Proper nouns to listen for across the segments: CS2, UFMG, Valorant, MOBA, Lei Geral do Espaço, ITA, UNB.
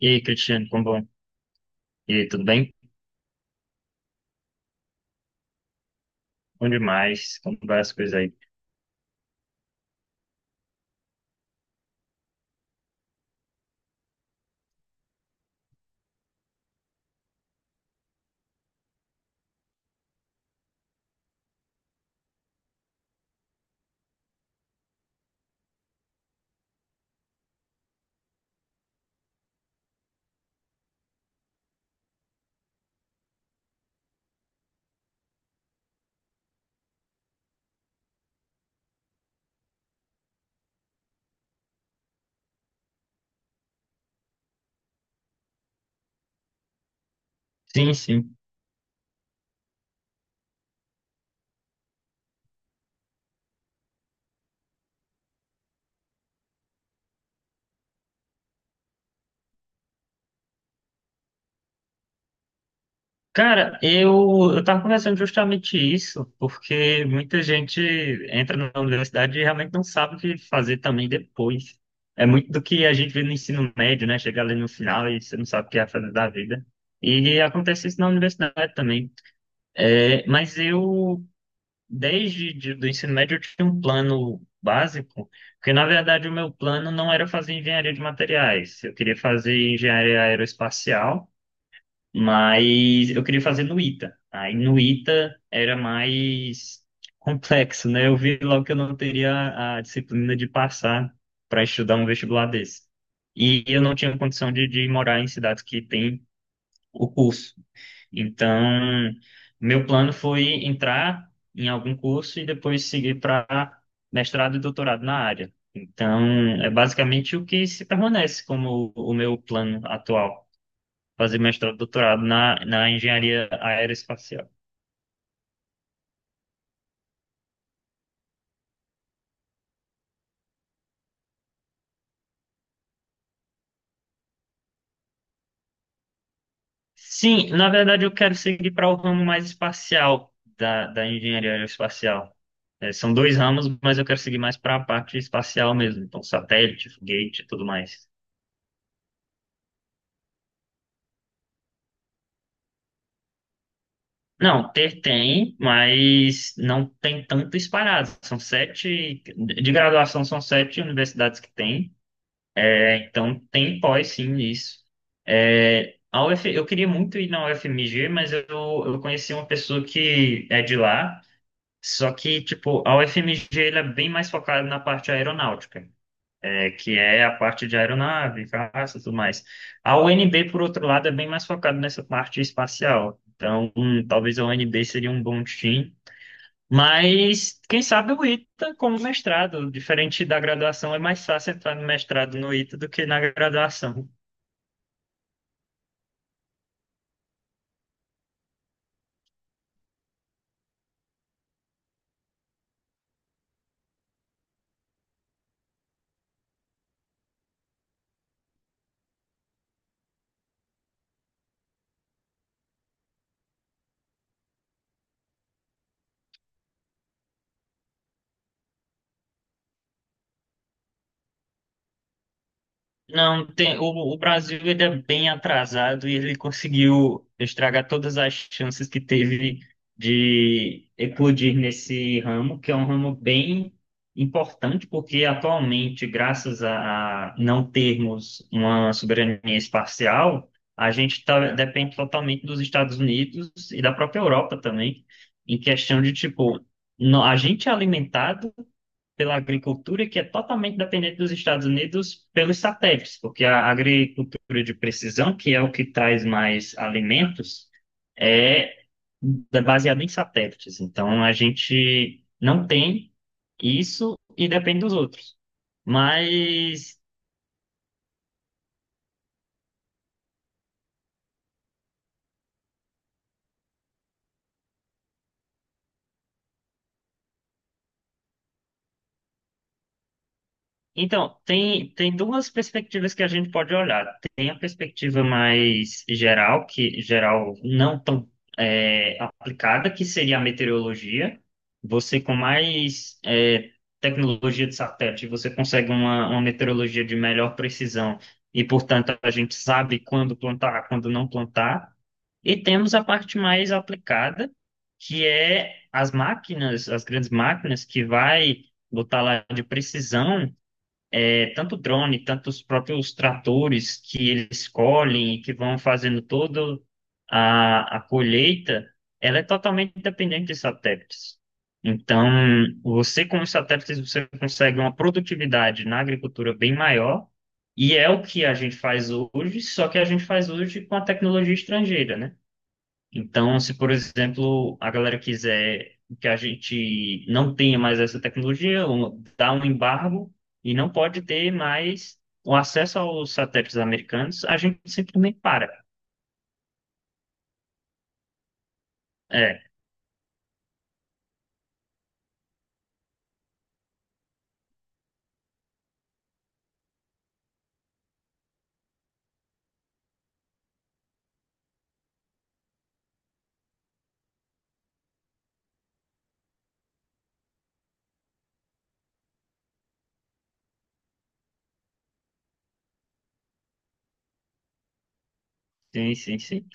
E aí, Cristiano, como bom? E aí, tudo bem? Bom demais, como várias coisas aí. Sim, sim. Cara, eu tava conversando justamente isso, porque muita gente entra na universidade e realmente não sabe o que fazer também depois. É muito do que a gente vê no ensino médio, né? Chegar ali no final e você não sabe o que é fazer da vida. E acontece isso na universidade também. É, mas eu, desde do ensino médio eu tinha um plano básico, porque na verdade o meu plano não era fazer engenharia de materiais, eu queria fazer engenharia aeroespacial, mas eu queria fazer no ITA. Aí no ITA era mais complexo, né? Eu vi logo que eu não teria a disciplina de passar para estudar um vestibular desse. E eu não tinha condição de morar em cidades que tem o curso. Então, meu plano foi entrar em algum curso e depois seguir para mestrado e doutorado na área. Então, é basicamente o que se permanece como o meu plano atual, fazer mestrado e doutorado na engenharia aeroespacial. Sim, na verdade eu quero seguir para o ramo mais espacial da engenharia aeroespacial. É, são dois ramos, mas eu quero seguir mais para a parte espacial mesmo, então satélite, foguete e tudo mais. Não, ter tem, mas não tem tanto espalhado. São sete, de graduação são sete universidades que tem, é, então tem pós sim isso. É, a UF, eu queria muito ir na UFMG, mas eu conheci uma pessoa que é de lá, só que, tipo, a UFMG ela é bem mais focada na parte aeronáutica, que é a parte de aeronave, caça e tudo mais. A UNB, por outro lado, é bem mais focada nessa parte espacial. Então, talvez a UNB seria um bom time. Mas quem sabe o ITA como mestrado, diferente da graduação, é mais fácil entrar no mestrado no ITA do que na graduação. Não, tem, o Brasil ele é bem atrasado e ele conseguiu estragar todas as chances que teve de eclodir nesse ramo, que é um ramo bem importante, porque atualmente, graças a não termos uma soberania espacial, a gente tá, depende totalmente dos Estados Unidos e da própria Europa também, em questão de, tipo, a gente é alimentado pela agricultura, que é totalmente dependente dos Estados Unidos pelos satélites, porque a agricultura de precisão, que é o que traz mais alimentos, é baseada em satélites. Então, a gente não tem isso e depende dos outros. Mas então, tem duas perspectivas que a gente pode olhar. Tem a perspectiva mais geral, que geral não tão, aplicada, que seria a meteorologia. Você com mais, tecnologia de satélite, você consegue uma meteorologia de melhor precisão e, portanto, a gente sabe quando plantar, quando não plantar. E temos a parte mais aplicada, que é as máquinas, as grandes máquinas que vai botar lá de precisão, tanto drone, tanto os próprios tratores que eles colhem e que vão fazendo toda a colheita, ela é totalmente dependente de satélites. Então, você com os satélites, você consegue uma produtividade na agricultura bem maior, e é o que a gente faz hoje, só que a gente faz hoje com a tecnologia estrangeira, né? Então, se, por exemplo, a galera quiser que a gente não tenha mais essa tecnologia, dá um embargo e não pode ter mais o acesso aos satélites americanos, a gente simplesmente para. É, sim, sim, sim.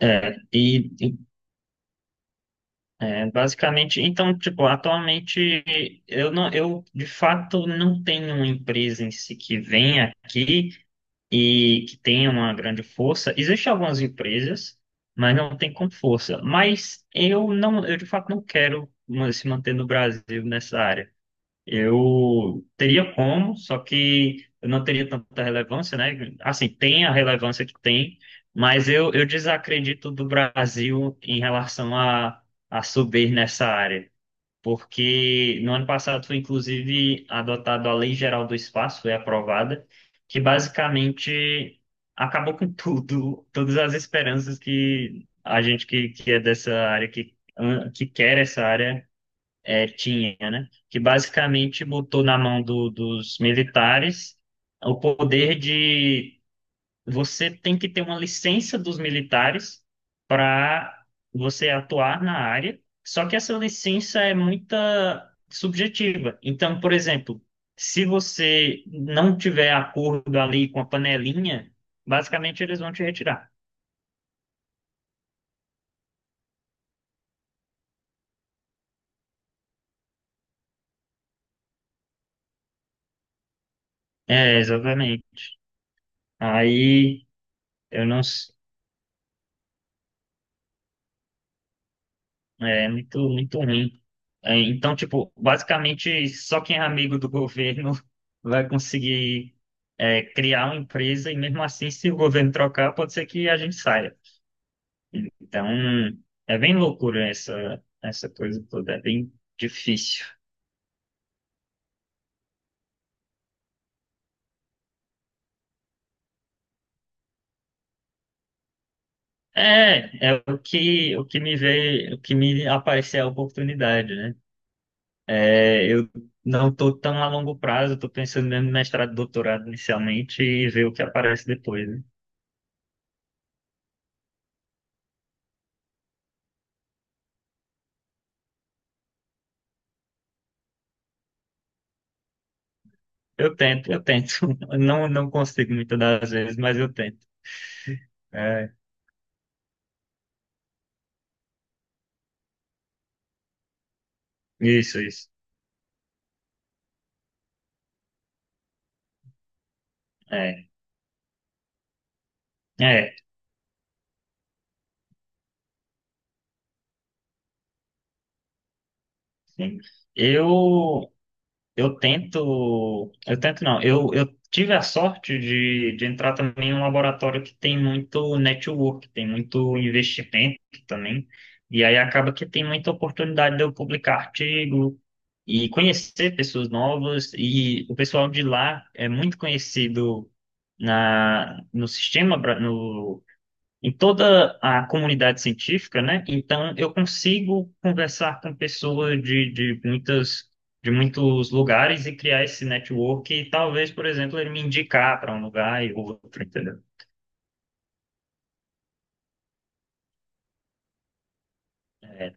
É, e é, basicamente, então, tipo, atualmente eu não, eu de fato não tenho uma empresa em si que vem aqui e que tenha uma grande força. Existem algumas empresas, mas não tem com força. Mas eu não, eu de fato não quero se manter no Brasil nessa área. Eu teria como, só que eu não teria tanta relevância, né? Assim, tem a relevância que tem, mas eu desacredito do Brasil em relação a subir nessa área. Porque no ano passado foi inclusive adotada a Lei Geral do Espaço, foi aprovada, que basicamente acabou com tudo, todas as esperanças que a gente que é dessa área, que quer essa área, tinha, né? Que basicamente botou na mão dos militares o poder de você tem que ter uma licença dos militares para você atuar na área. Só que essa licença é muito subjetiva. Então, por exemplo, se você não tiver acordo ali com a panelinha, basicamente eles vão te retirar. É, exatamente. Aí eu não. É muito, muito ruim. É, então, tipo, basicamente, só quem é amigo do governo vai conseguir, criar uma empresa e mesmo assim, se o governo trocar, pode ser que a gente saia. Então, é bem loucura essa coisa toda, é bem difícil. É, é o que me veio, o que me aparece é a oportunidade, né? É, eu não estou tão a longo prazo, estou pensando mesmo em mestrado, doutorado inicialmente e ver o que aparece depois. Eu tento, eu tento. Não, não consigo muitas das vezes, mas eu tento. É, isso, isso. É, é, sim. Eu, eu tento, eu tento não. Eu tive a sorte de entrar também em um laboratório que tem muito network, tem muito investimento também. E aí acaba que tem muita oportunidade de eu publicar artigo e conhecer pessoas novas. E o pessoal de lá é muito conhecido na, no sistema, no em toda a comunidade científica, né? Então eu consigo conversar com pessoas de muitas de muitos lugares e criar esse network e talvez, por exemplo, ele me indicar para um lugar e outro, entendeu? É,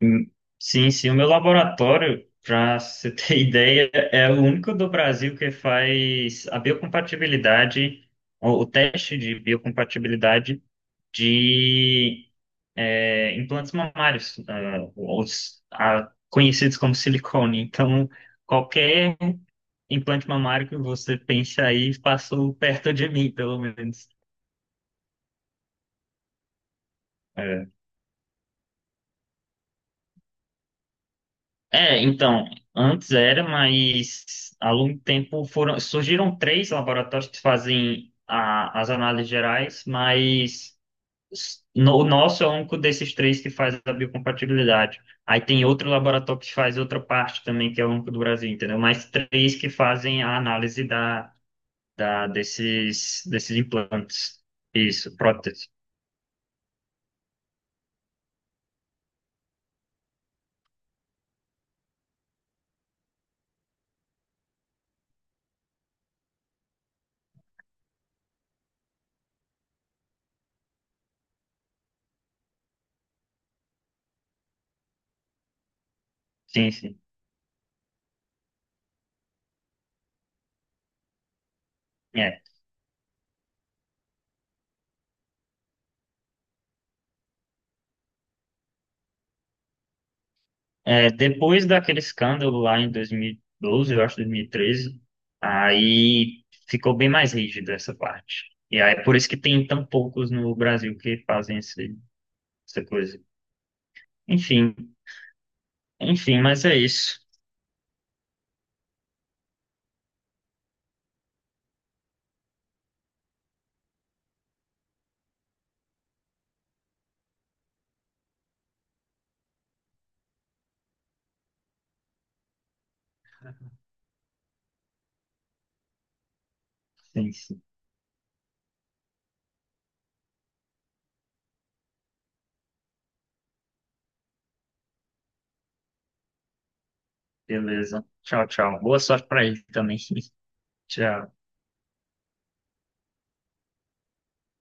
e- sim, sim, o meu laboratório, para você ter ideia, é o único do Brasil que faz a biocompatibilidade, o teste de biocompatibilidade de, implantes mamários, os conhecidos como silicone. Então, qualquer implante mamário que você pense aí passou perto de mim, pelo menos. É, É, então, antes era, mas há longo tempo foram, surgiram três laboratórios que fazem as análises gerais, mas o nosso é o único desses três que faz a biocompatibilidade. Aí tem outro laboratório que faz outra parte também, que é o único do Brasil, entendeu? Mas três que fazem a análise desses, desses implantes. Isso, prótese. Sim, sim. É. É, depois daquele escândalo lá em 2012, eu acho, 2013, aí ficou bem mais rígido essa parte. E aí é por isso que tem tão poucos no Brasil que fazem essa coisa. Enfim, enfim, mas é isso. Sim, sim. Beleza. Tchau, tchau. Boa sorte pra ele também. Tchau.